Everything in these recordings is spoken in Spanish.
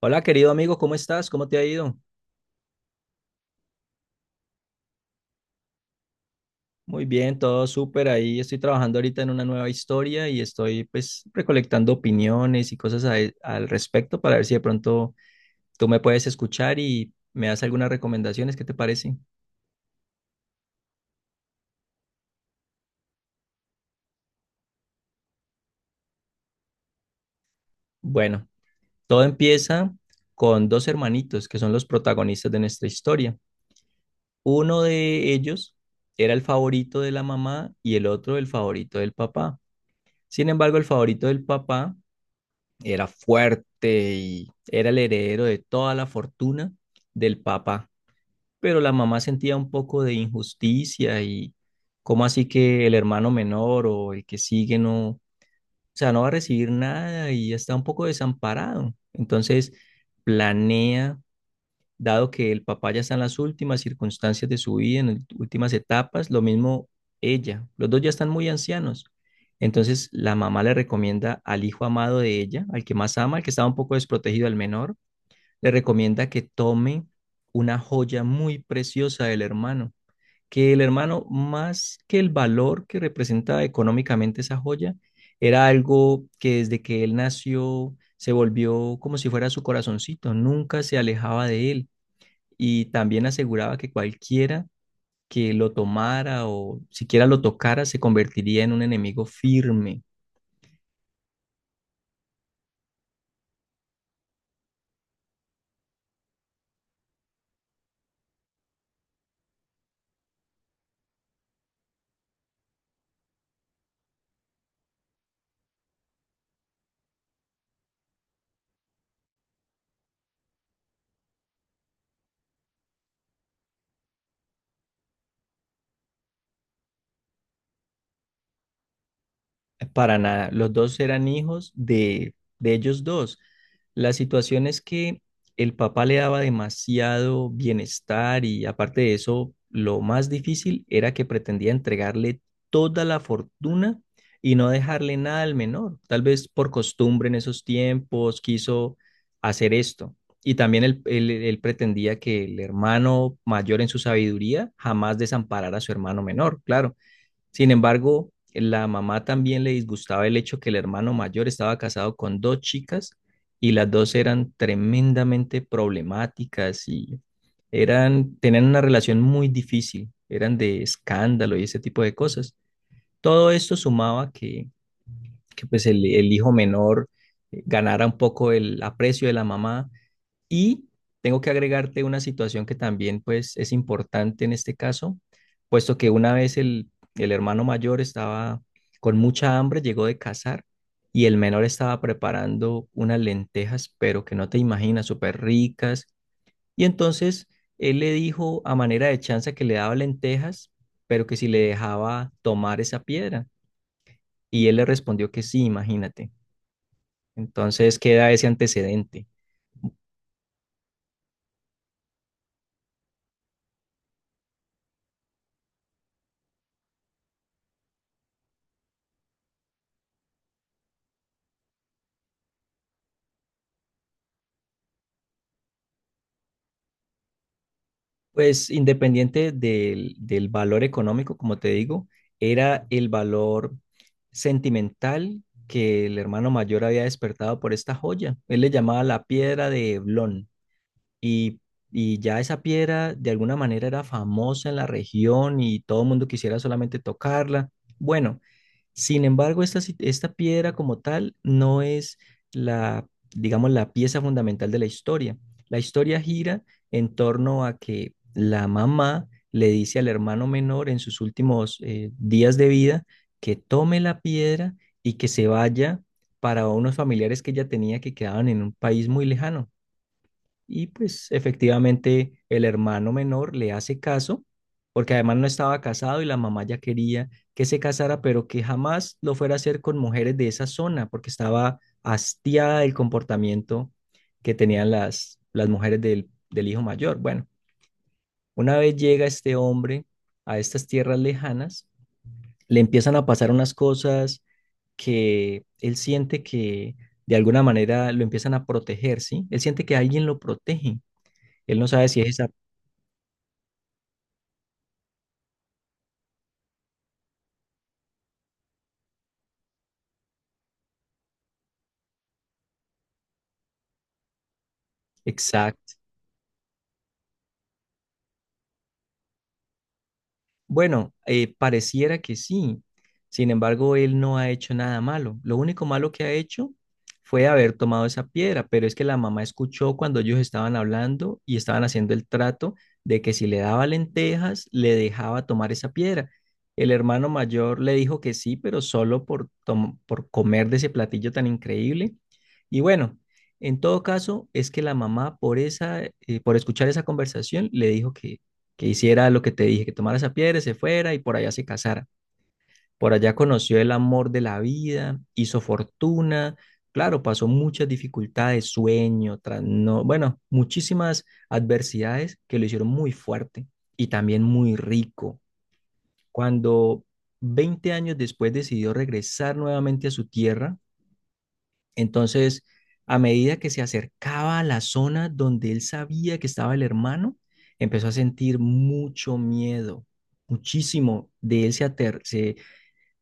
Hola, querido amigo, ¿cómo estás? ¿Cómo te ha ido? Muy bien, todo súper ahí. Estoy trabajando ahorita en una nueva historia y estoy pues recolectando opiniones y cosas al respecto para ver si de pronto tú me puedes escuchar y me das algunas recomendaciones. ¿Qué te parece? Bueno, todo empieza con dos hermanitos que son los protagonistas de nuestra historia. Uno de ellos era el favorito de la mamá y el otro el favorito del papá. Sin embargo, el favorito del papá era fuerte y era el heredero de toda la fortuna del papá, pero la mamá sentía un poco de injusticia y cómo así que el hermano menor o el que sigue no, o sea, no va a recibir nada y está un poco desamparado. Entonces planea, dado que el papá ya está en las últimas circunstancias de su vida, en las últimas etapas, lo mismo ella, los dos ya están muy ancianos. Entonces la mamá le recomienda al hijo amado de ella, al que más ama, al que estaba un poco desprotegido, al menor, le recomienda que tome una joya muy preciosa del hermano, que el hermano, más que el valor que representaba económicamente esa joya, era algo que desde que él nació se volvió como si fuera su corazoncito, nunca se alejaba de él, y también aseguraba que cualquiera que lo tomara o siquiera lo tocara se convertiría en un enemigo firme. Para nada, los dos eran hijos de ellos dos. La situación es que el papá le daba demasiado bienestar y aparte de eso, lo más difícil era que pretendía entregarle toda la fortuna y no dejarle nada al menor. Tal vez por costumbre en esos tiempos quiso hacer esto. Y también él pretendía que el hermano mayor en su sabiduría jamás desamparara a su hermano menor, claro. Sin embargo, la mamá también le disgustaba el hecho que el hermano mayor estaba casado con dos chicas y las dos eran tremendamente problemáticas y eran, tenían una relación muy difícil, eran de escándalo y ese tipo de cosas. Todo esto sumaba que, que pues el hijo menor ganara un poco el aprecio de la mamá, y tengo que agregarte una situación que también pues es importante en este caso, puesto que una vez el hermano mayor estaba con mucha hambre, llegó de cazar y el menor estaba preparando unas lentejas, pero que no te imaginas, súper ricas. Y entonces él le dijo a manera de chanza que le daba lentejas, pero que si le dejaba tomar esa piedra. Y él le respondió que sí, imagínate. Entonces queda ese antecedente. Pues independiente del valor económico, como te digo, era el valor sentimental que el hermano mayor había despertado por esta joya. Él le llamaba la piedra de Eblón, y, y ya esa piedra de alguna manera era famosa en la región y todo el mundo quisiera solamente tocarla. Bueno, sin embargo, esta piedra como tal no es la, digamos, la pieza fundamental de la historia. La historia gira en torno a que la mamá le dice al hermano menor en sus últimos días de vida, que tome la piedra y que se vaya para unos familiares que ella tenía que quedaban en un país muy lejano. Y pues efectivamente el hermano menor le hace caso, porque además no estaba casado y la mamá ya quería que se casara, pero que jamás lo fuera a hacer con mujeres de esa zona, porque estaba hastiada del comportamiento que tenían las mujeres del hijo mayor. Bueno, una vez llega este hombre a estas tierras lejanas, le empiezan a pasar unas cosas que él siente que de alguna manera lo empiezan a proteger, ¿sí? Él siente que alguien lo protege. Él no sabe si es esa. Exacto. Bueno, pareciera que sí. Sin embargo, él no ha hecho nada malo. Lo único malo que ha hecho fue haber tomado esa piedra, pero es que la mamá escuchó cuando ellos estaban hablando y estaban haciendo el trato de que si le daba lentejas, le dejaba tomar esa piedra. El hermano mayor le dijo que sí, pero solo por comer de ese platillo tan increíble. Y bueno, en todo caso, es que la mamá por esa, por escuchar esa conversación, le dijo que hiciera lo que te dije, que tomara esa piedra, se fuera y por allá se casara. Por allá conoció el amor de la vida, hizo fortuna, claro, pasó muchas dificultades, sueño, bueno, muchísimas adversidades que lo hicieron muy fuerte y también muy rico. Cuando 20 años después decidió regresar nuevamente a su tierra, entonces, a medida que se acercaba a la zona donde él sabía que estaba el hermano, empezó a sentir mucho miedo, muchísimo. De él se, ater- se,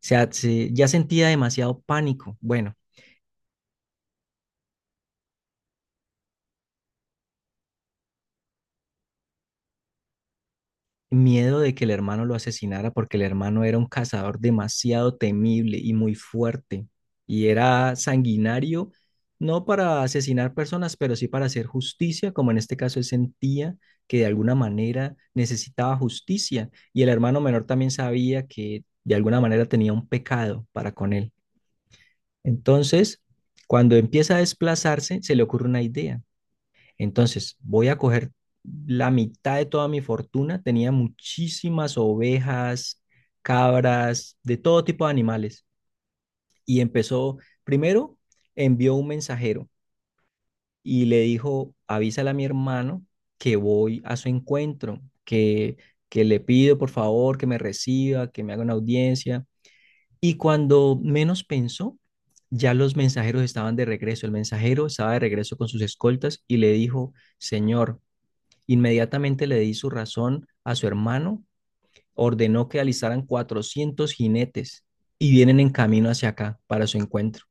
se a- se- ya sentía demasiado pánico. Bueno, miedo de que el hermano lo asesinara porque el hermano era un cazador demasiado temible y muy fuerte y era sanguinario, no para asesinar personas, pero sí para hacer justicia, como en este caso él sentía que de alguna manera necesitaba justicia, y el hermano menor también sabía que de alguna manera tenía un pecado para con él. Entonces, cuando empieza a desplazarse, se le ocurre una idea. Entonces, voy a coger la mitad de toda mi fortuna. Tenía muchísimas ovejas, cabras, de todo tipo de animales. Y empezó, primero envió un mensajero y le dijo, avísale a mi hermano que voy a su encuentro, que le pido por favor que me reciba, que me haga una audiencia. Y cuando menos pensó, ya los mensajeros estaban de regreso. El mensajero estaba de regreso con sus escoltas y le dijo: Señor, inmediatamente le di su razón a su hermano, ordenó que alistaran 400 jinetes y vienen en camino hacia acá para su encuentro.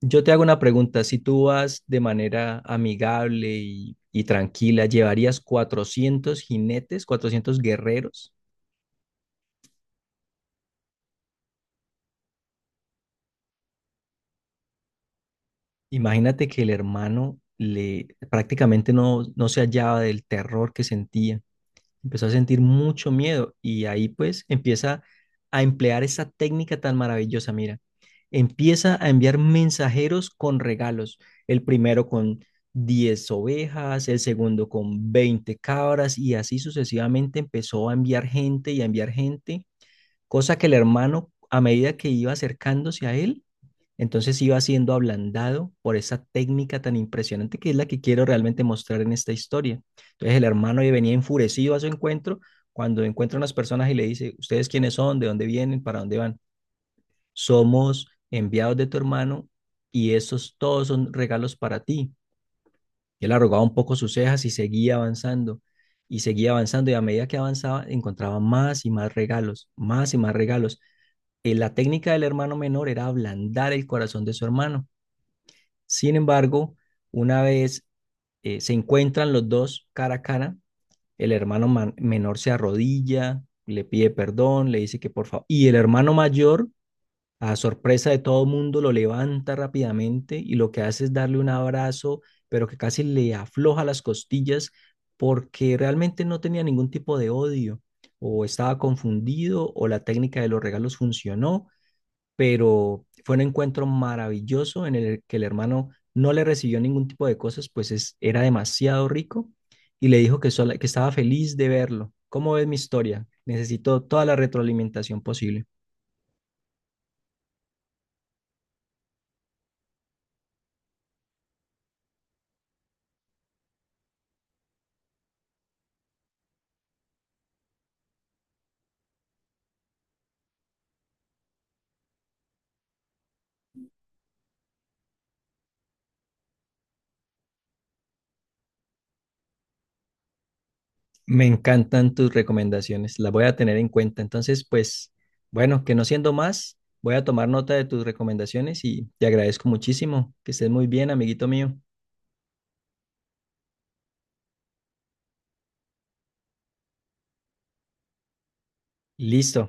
Yo te hago una pregunta, si tú vas de manera amigable y tranquila, ¿llevarías 400 jinetes, 400 guerreros? Imagínate que el hermano le prácticamente no se hallaba del terror que sentía. Empezó a sentir mucho miedo y ahí pues empieza a emplear esa técnica tan maravillosa, mira. Empieza a enviar mensajeros con regalos, el primero con 10 ovejas, el segundo con 20 cabras, y así sucesivamente empezó a enviar gente y a enviar gente, cosa que el hermano, a medida que iba acercándose a él, entonces iba siendo ablandado por esa técnica tan impresionante, que es la que quiero realmente mostrar en esta historia. Entonces el hermano ya venía enfurecido a su encuentro cuando encuentra unas personas y le dice: ¿Ustedes quiénes son? ¿De dónde vienen? ¿Para dónde van? Somos enviados de tu hermano y esos todos son regalos para ti. Y él arrugaba un poco sus cejas y seguía avanzando, y seguía avanzando, y a medida que avanzaba encontraba más y más regalos, más y más regalos. La técnica del hermano menor era ablandar el corazón de su hermano. Sin embargo, una vez se encuentran los dos cara a cara, el hermano menor se arrodilla, le pide perdón, le dice que por favor, y el hermano mayor, a sorpresa de todo el mundo, lo levanta rápidamente y lo que hace es darle un abrazo, pero que casi le afloja las costillas, porque realmente no tenía ningún tipo de odio, o estaba confundido, o la técnica de los regalos funcionó. Pero fue un encuentro maravilloso en el que el hermano no le recibió ningún tipo de cosas, pues era demasiado rico, y le dijo que, que estaba feliz de verlo. ¿Cómo ves mi historia? Necesito toda la retroalimentación posible. Me encantan tus recomendaciones, las voy a tener en cuenta. Entonces, pues, bueno, que no siendo más, voy a tomar nota de tus recomendaciones y te agradezco muchísimo. Que estés muy bien, amiguito mío. Listo.